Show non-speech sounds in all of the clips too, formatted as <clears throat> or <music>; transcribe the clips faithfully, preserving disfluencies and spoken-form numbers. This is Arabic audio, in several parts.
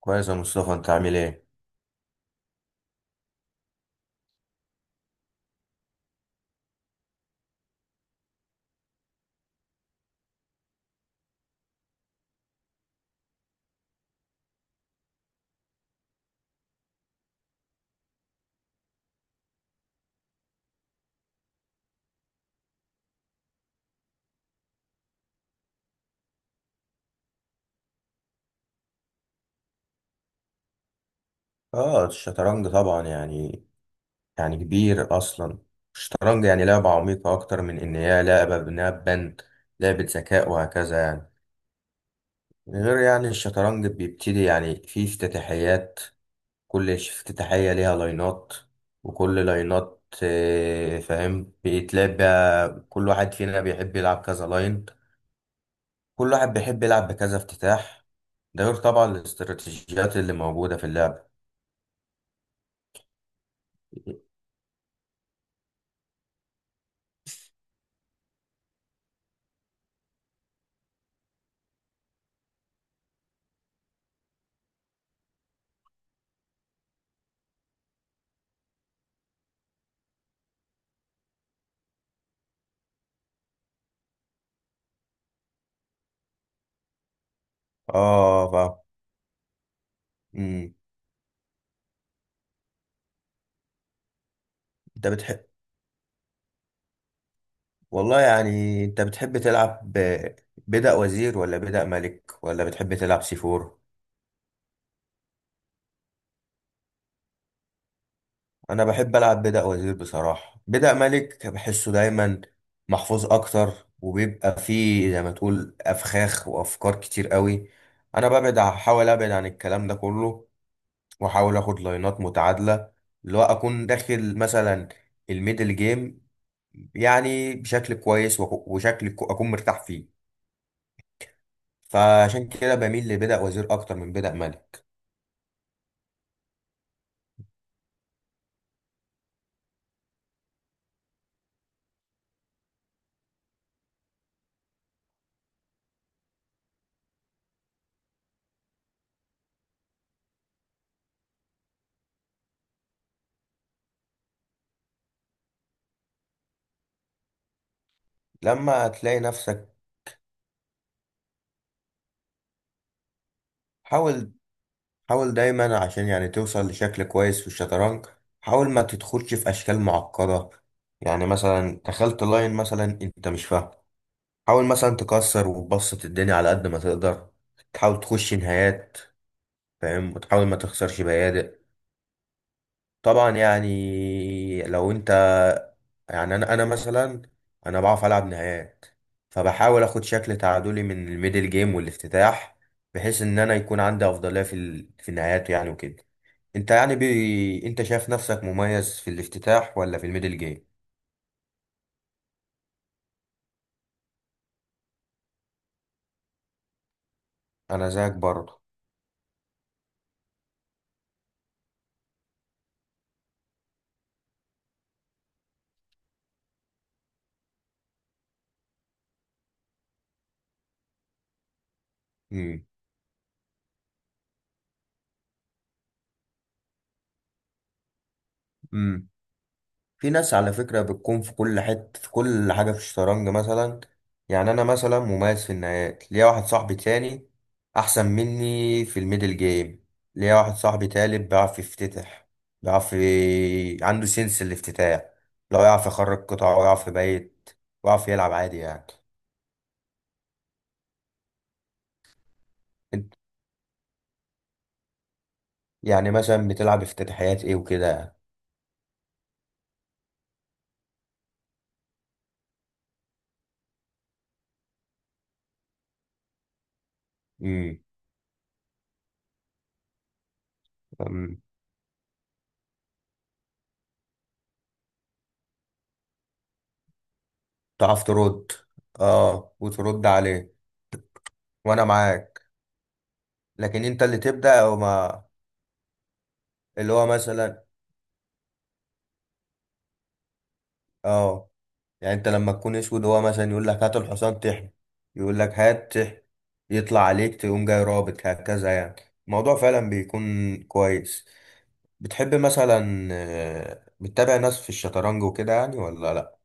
كويس يا مصطفى، انت عامل ايه؟ اه، الشطرنج طبعا يعني يعني كبير اصلا. الشطرنج يعني لعبة عميقة اكتر من ان هي لعبة بناء بند، لعبة ذكاء وهكذا يعني. غير يعني الشطرنج بيبتدي، يعني فيه افتتاحيات. كل افتتاحية ليها لاينات، وكل لاينات اه، فاهم، بيتلعب بقى. كل واحد فينا بيحب يلعب كذا لاين، كل واحد بيحب يلعب بكذا افتتاح. ده غير طبعا الاستراتيجيات اللي موجودة في اللعبة. اه. امم. انت بتحب والله يعني انت بتحب تلعب ب- بدأ وزير ولا بدأ ملك، ولا بتحب تلعب سي فور؟ انا بحب العب بدأ وزير بصراحة. بدأ ملك بحسه دايما محفوظ اكتر، وبيبقى فيه زي ما تقول افخاخ وافكار كتير قوي. انا ببعد، احاول ابعد عن الكلام ده كله، واحاول اخد لاينات متعادلة، اللي هو اكون داخل مثلا الميدل جيم يعني بشكل كويس وك- وشكل ك- اكون مرتاح فيه. فعشان كده بميل لبدأ وزير أكتر من بدأ مالك. لما تلاقي نفسك، حاول، حاول دايما عشان يعني توصل لشكل كويس في الشطرنج. حاول ما تدخلش في أشكال معقدة، يعني مثلا دخلت لاين مثلا أنت مش فاهم، حاول مثلا تكسر وتبسط الدنيا على قد ما تقدر، تحاول تخش نهايات، فاهم، وتحاول ما تخسرش بيادق. طبعا يعني لو انت، يعني انا انا مثلا انا بعرف العب نهائيات، فبحاول اخد شكل تعادلي من الميدل جيم والافتتاح، بحيث ان انا يكون عندي افضليه في ال- في النهايات يعني وكده. انت يعني بي... انت شايف نفسك مميز في الافتتاح ولا في الميدل جيم؟ انا زيك برضه. امم. في ناس على فكرة بتكون في كل حتة، في كل حاجة في الشطرنج مثلا. يعني أنا مثلا مميز في النهايات، ليا واحد صاحبي تاني أحسن مني في الميدل جيم، ليا واحد صاحبي تالت بيعرف يفتتح، بيعرف ي- عنده سنس الافتتاح، لو يعرف يخرج قطع ويعرف يبيت، ويعرف يلعب عادي يعني. انت- يعني مثلا بتلعب افتتاحيات ايه وكده؟ امم. أمم. تعرف ترد. اه، وترد عليه. وانا معاك، لكن انت اللي تبدأ وما. اللي هو مثلا، اه، يعني انت لما تكون اسود، هو مثلا يقول لك هات الحصان تحمي، يقول لك هات تحمي، يطلع عليك تقوم جاي رابط هكذا يعني. الموضوع فعلا بيكون كويس. بتحب مثلا آه، بتتابع ناس في الشطرنج وكده يعني، ولا لا؟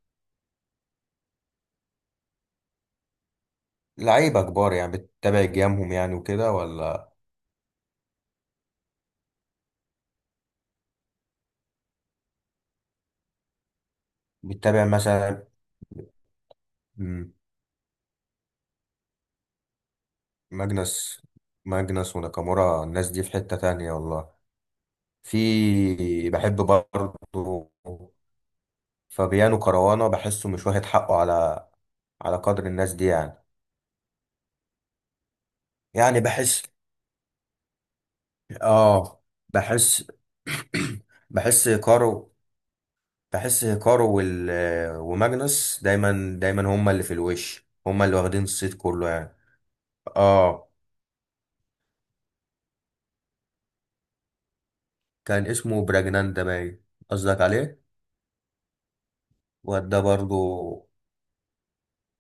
لعيبة كبار يعني، بتتابع جيمهم يعني وكده ولا؟ بتتابع مثلا، مم، ماجنس ماجنس وناكامورا، الناس دي في حتة تانية والله. في بحب برضه فبيانو كروانة، بحسه مش واخد حقه على على قدر الناس دي يعني. يعني بحس، اه بحس، <clears throat> بحس كارو، بحس كارو وال... وماجنس دايما دايما هما اللي في الوش، هما اللي واخدين الصيت كله يعني. اه، كان اسمه براجنان ده باين. قصدك عليه، الواد ده برضو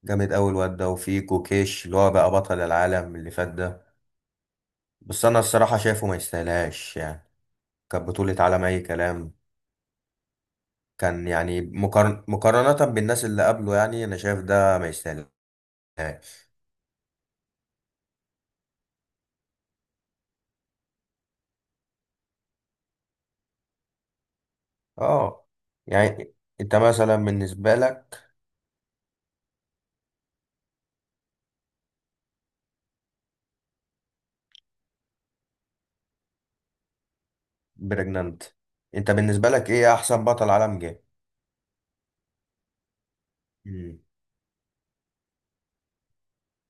جامد أوي. الواد ده، وفي كوكيش اللي هو بقى بطل العالم اللي فات ده، بس أنا الصراحة شايفه ما يستاهلهاش يعني. كانت بطولة عالم أي كلام. كان يعني مقارن... مقارنة بالناس اللي قبله، يعني أنا شايف ده ما يستاهلش. اه، يعني أنت مثلا بالنسبة لك، بريجنانت. أنت بالنسبة لك إيه أحسن بطل عالم جه؟ مم.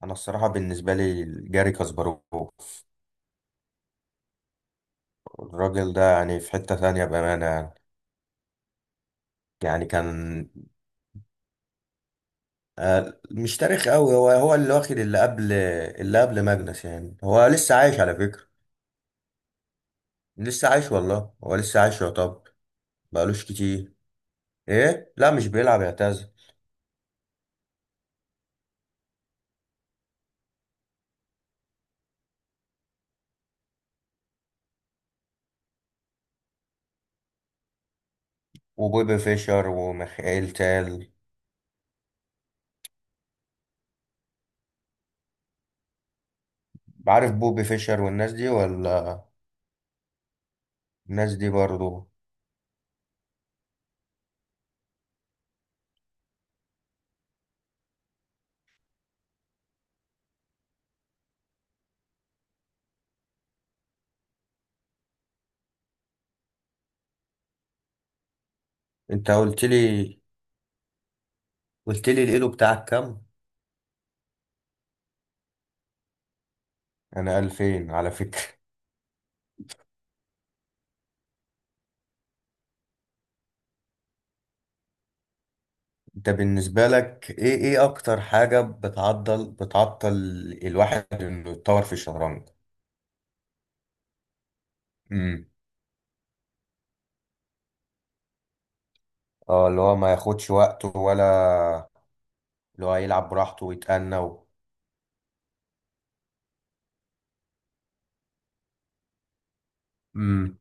أنا الصراحة بالنسبة لي جاري كاسباروف. الراجل ده يعني في حتة ثانية بأمانة يعني. يعني كان آه، مش تاريخ قوي، هو هو اللي واخد اللي قبل اللي قبل ماجنس يعني. هو لسه عايش على فكرة. لسه عايش والله، هو لسه عايش يعتبر. بقالوش كتير. ايه، لا مش بيلعب، اعتزل. وبوبي فيشر وميخائيل تال. عارف بوبي فيشر والناس دي ولا؟ الناس دي برضو. انت قلت لي، قلت لي الايلو بتاعك كام؟ انا ألفين على فكرة. <laughs> انت بالنسبة لك ايه ايه اكتر حاجة بتعضل، بتعطل الواحد انه يتطور في الشطرنج؟ امم. اه، اللي هو ما ياخدش وقته ولا؟ اللي هو يلعب براحته ويتأنى و... امم.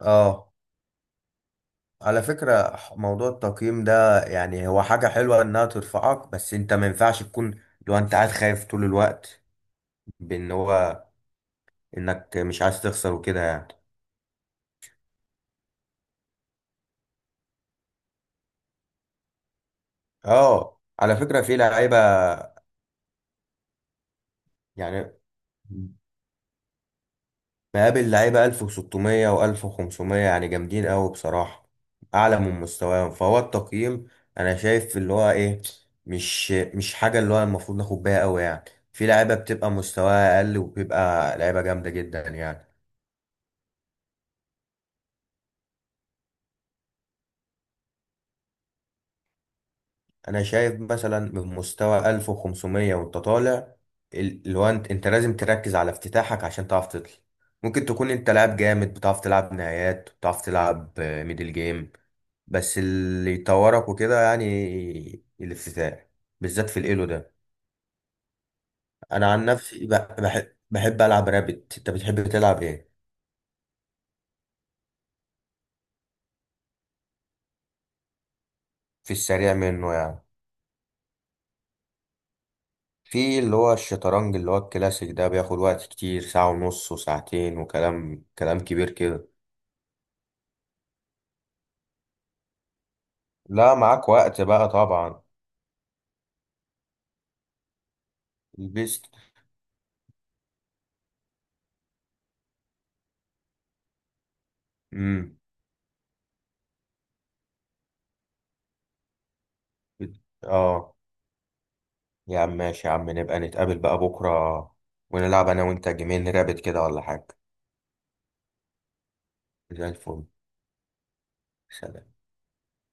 اه، على فكرة موضوع التقييم ده، يعني هو حاجة حلوة إنها ترفعك، بس أنت ما ينفعش تكون، لو أنت قاعد خايف طول الوقت، بإن هو، إنك مش عايز تخسر وكده يعني. أه، على فكرة في لعيبة، يعني مقابل لعيبة ألف وستمية و1500 يعني جامدين أوي بصراحة، أعلى من مستواهم فهو التقييم. أنا شايف اللي هو إيه، مش مش حاجة اللي هو المفروض ناخد بيها أوي يعني. في لعيبة بتبقى مستواها أقل وبيبقى لعيبة جامدة جدا يعني. انا شايف مثلا من مستوى ألف وخمسمية وانت طالع، ال- اللي هو انت انت لازم تركز على افتتاحك عشان تعرف تطلع. ممكن تكون انت لاعب جامد، بتعرف تلعب نهايات، بتعرف تلعب آه، ميدل جيم، بس اللي يطورك وكده يعني الافتتاح، بالذات في الايلو ده. انا عن نفسي ب- بحب بحب العب رابت. انت بتحب تلعب ايه؟ في السريع منه يعني. في اللي هو الشطرنج، اللي هو الكلاسيك ده بياخد وقت كتير، ساعة ونص وساعتين، وكلام كلام كبير كده. لا، معاك وقت بقى طبعا. البيست. امم. اه، يا عم ماشي، يا عم نبقى نتقابل بقى بكرة، ونلعب انا وانت جيمين رابط كده ولا حاجة. زي الفل. سلام.